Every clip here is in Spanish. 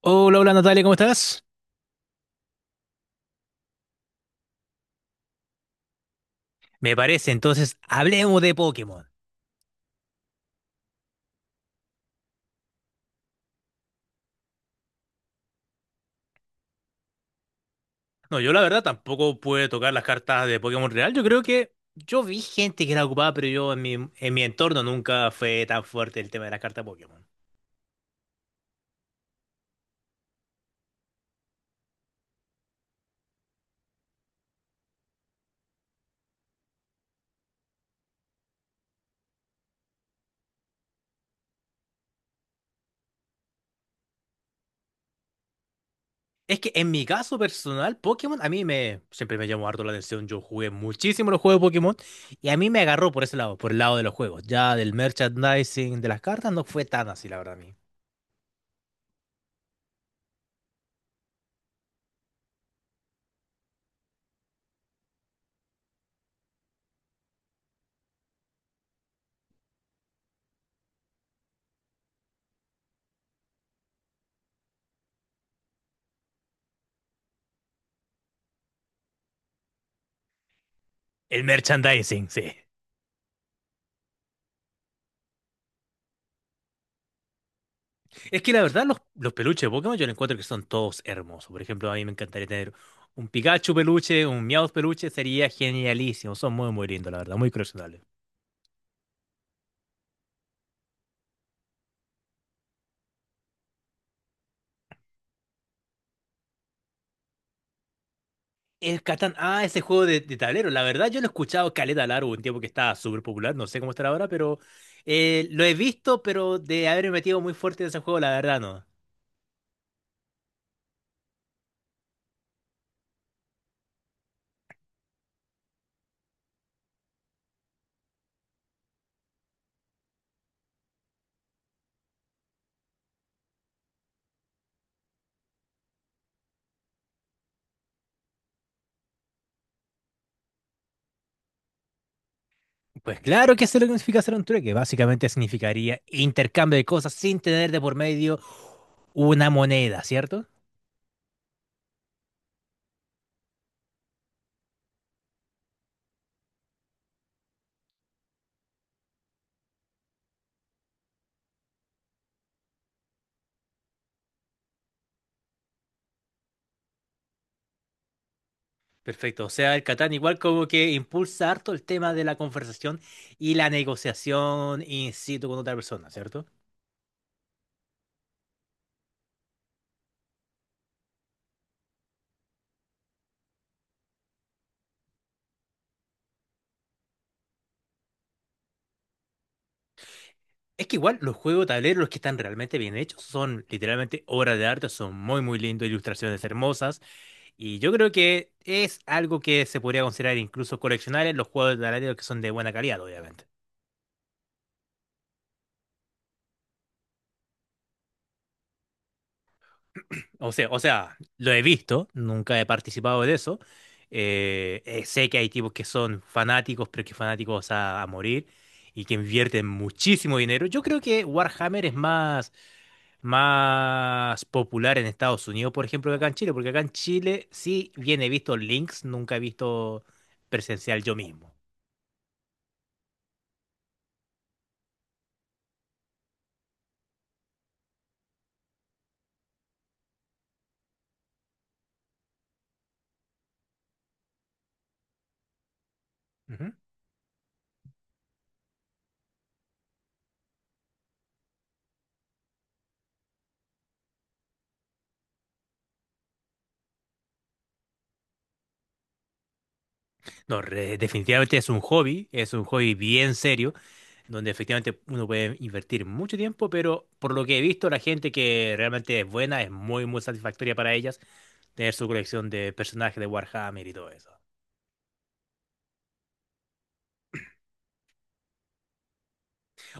Hola, hola Natalia, ¿cómo estás? Me parece, entonces hablemos de Pokémon. No, yo la verdad tampoco pude tocar las cartas de Pokémon Real. Yo creo que yo vi gente que era ocupada, pero yo en mi entorno nunca fue tan fuerte el tema de las cartas Pokémon. Es que en mi caso personal, Pokémon a mí me siempre me llamó harto la atención. Yo jugué muchísimo los juegos de Pokémon y a mí me agarró por ese lado, por el lado de los juegos. Ya del merchandising de las cartas no fue tan así, la verdad a mí. El merchandising, sí. Es que la verdad, los peluches de Pokémon yo le encuentro que son todos hermosos. Por ejemplo, a mí me encantaría tener un Pikachu peluche, un Meowth peluche, sería genialísimo. Son muy, muy lindos, la verdad, muy coleccionables. El Catán, ah, ese juego de tablero. La verdad, yo lo he escuchado caleta largo, un tiempo que estaba súper popular, no sé cómo estará ahora, pero lo he visto, pero de haberme metido muy fuerte en ese juego, la verdad, no. Pues claro que eso es lo que significa hacer un trueque. Básicamente significaría intercambio de cosas sin tener de por medio una moneda, ¿cierto? Perfecto, o sea, el Catán igual como que impulsa harto el tema de la conversación y la negociación in situ con otra persona, ¿cierto? Es que igual los juegos de tablero, los que están realmente bien hechos, son literalmente obras de arte, son muy muy lindos, ilustraciones hermosas, y yo creo que es algo que se podría considerar incluso coleccionables los juegos de tablero que son de buena calidad, obviamente. O sea, lo he visto, nunca he participado de eso. Sé que hay tipos que son fanáticos, pero que fanáticos a morir y que invierten muchísimo dinero. Yo creo que Warhammer es más popular en Estados Unidos, por ejemplo, que acá en Chile, porque acá en Chile sí bien he visto links, nunca he visto presencial yo mismo. Ujú. No, definitivamente es un hobby bien serio. Donde efectivamente uno puede invertir mucho tiempo, pero por lo que he visto, la gente que realmente es buena es muy, muy satisfactoria para ellas tener su colección de personajes de Warhammer y todo eso.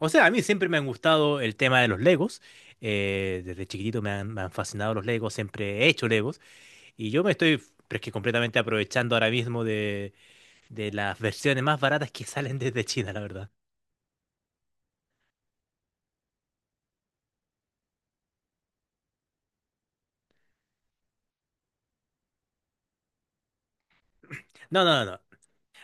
O sea, a mí siempre me han gustado el tema de los Legos. Desde chiquitito me han fascinado los Legos, siempre he hecho Legos. Y pero es que completamente aprovechando ahora mismo de las versiones más baratas que salen desde China, la verdad. No, no, no, no.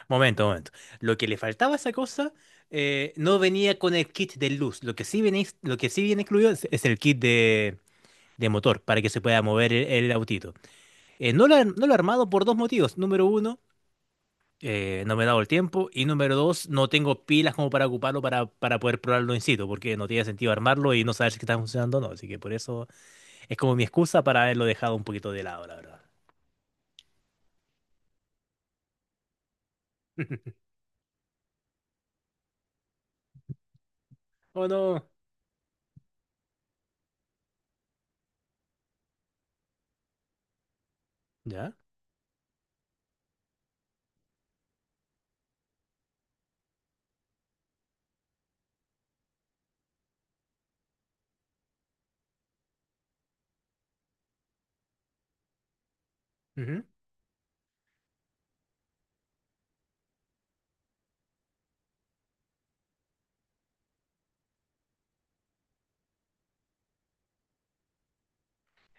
Momento, momento. Lo que le faltaba a esa cosa, no venía con el kit de luz. Lo que sí viene incluido es el kit de motor para que se pueda mover el autito. No lo he armado por dos motivos. Número uno, no me he dado el tiempo. Y número dos, no tengo pilas como para ocuparlo para poder probarlo in situ, porque no tiene sentido armarlo y no saber si está funcionando o no. Así que por eso es como mi excusa para haberlo dejado un poquito de lado, la verdad. ¿O no? ¿Ya?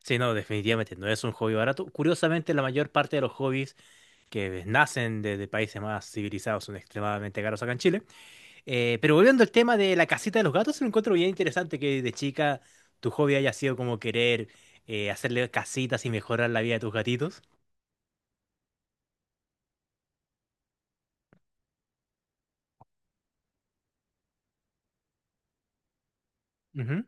Sí, no, definitivamente no es un hobby barato. Curiosamente, la mayor parte de los hobbies que nacen de países más civilizados son extremadamente caros acá en Chile. Pero volviendo al tema de la casita de los gatos, lo encuentro bien interesante que de chica tu hobby haya sido como querer hacerle casitas y mejorar la vida de tus gatitos. Ujú.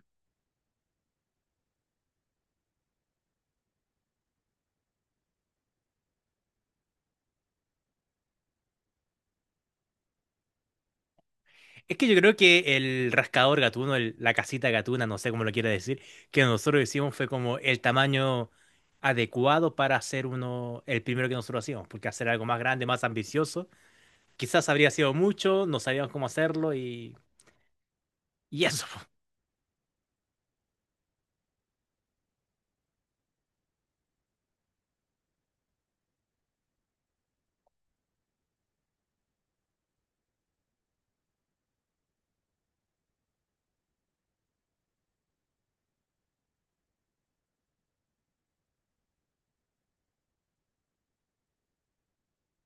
Es que yo creo que el rascador gatuno, la casita gatuna, no sé cómo lo quiera decir, que nosotros hicimos fue como el tamaño adecuado para hacer uno, el primero que nosotros hacíamos, porque hacer algo más grande, más ambicioso. Quizás habría sido mucho, no sabíamos cómo hacerlo y eso.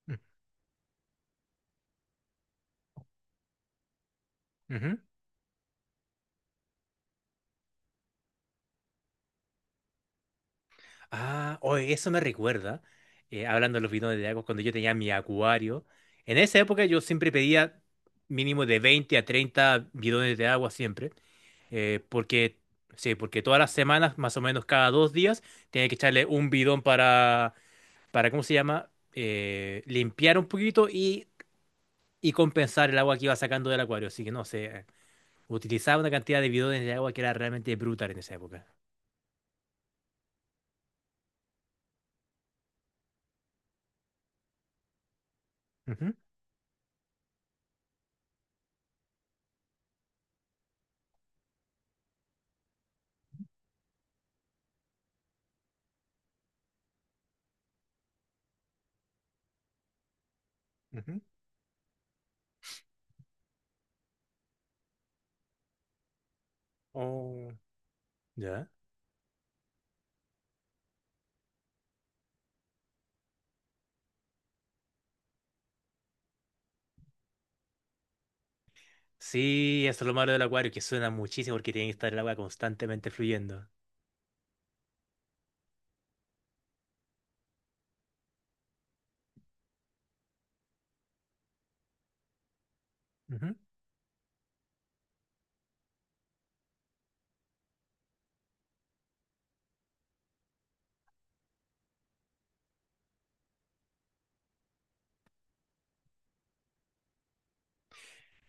Ujú. Ah, oye, eso me recuerda, hablando de los bidones de agua, cuando yo tenía mi acuario. En esa época yo siempre pedía mínimo de 20 a 30 bidones de agua siempre, eh, porque, sí, porque todas las semanas, más o menos cada dos días, tenía que echarle un bidón para, ¿cómo se llama? Limpiar un poquito y compensar el agua que iba sacando del acuario. Así que no sé, utilizaba una cantidad de bidones de agua que era realmente brutal en esa época. Ujú, ujú. Oh, ¿ya? Sí, eso es lo malo del acuario, que suena muchísimo porque tiene que estar el agua constantemente fluyendo. Ujú.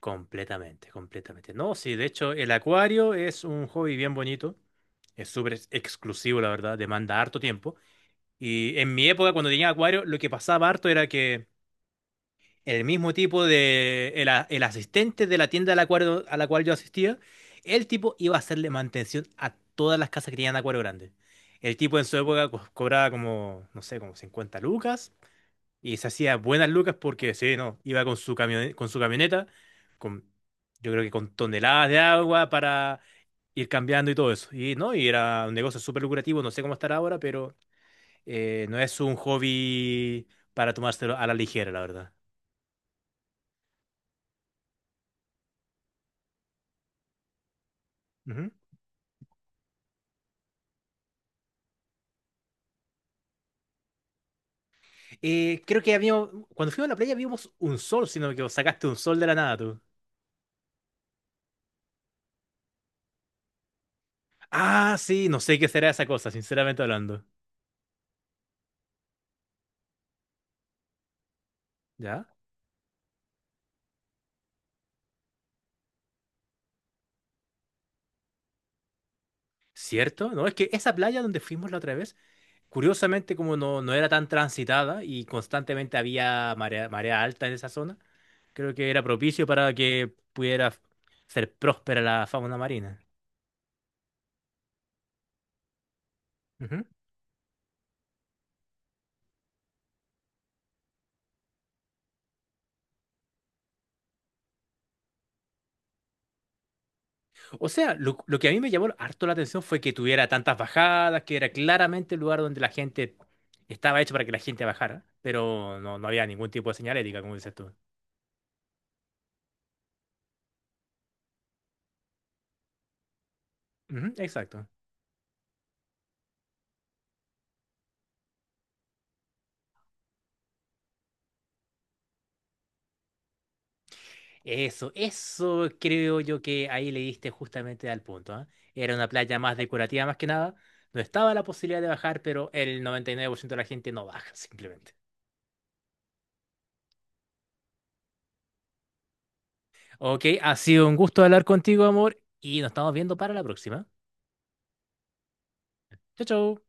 Completamente, completamente. No, sí, de hecho, el acuario es un hobby bien bonito. Es súper exclusivo, la verdad, demanda harto tiempo. Y en mi época, cuando tenía acuario, lo que pasaba harto era que el mismo tipo de, el asistente de la tienda a la cual yo asistía, el tipo iba a hacerle mantención a todas las casas que tenían acuario grande. El tipo en su época cobraba como, no sé, como 50 lucas y se hacía buenas lucas porque, sí, no, iba con su camioneta, con, yo creo que con toneladas de agua para ir cambiando y todo eso. Y, no, y era un negocio súper lucrativo, no sé cómo estará ahora, pero no es un hobby para tomárselo a la ligera, la verdad. Cuando fuimos a la playa vimos un sol, sino que sacaste un sol de la nada tú. Ah, sí, no sé qué será esa cosa, sinceramente hablando. ¿Ya? ¿Cierto? No, es que esa playa donde fuimos la otra vez, curiosamente como no era tan transitada y constantemente había marea alta en esa zona, creo que era propicio para que pudiera ser próspera la fauna marina. O sea, lo que a mí me llamó harto la atención fue que tuviera tantas bajadas, que era claramente el lugar donde la gente estaba hecho para que la gente bajara, pero no había ningún tipo de señalética, como dices tú. Ujú, exacto. Eso creo yo que ahí le diste justamente al punto, ¿ah? Era una playa más decorativa más que nada. No estaba la posibilidad de bajar, pero el 99% de la gente no baja, simplemente. Ok, ha sido un gusto hablar contigo, amor, y nos estamos viendo para la próxima. Chao, chao.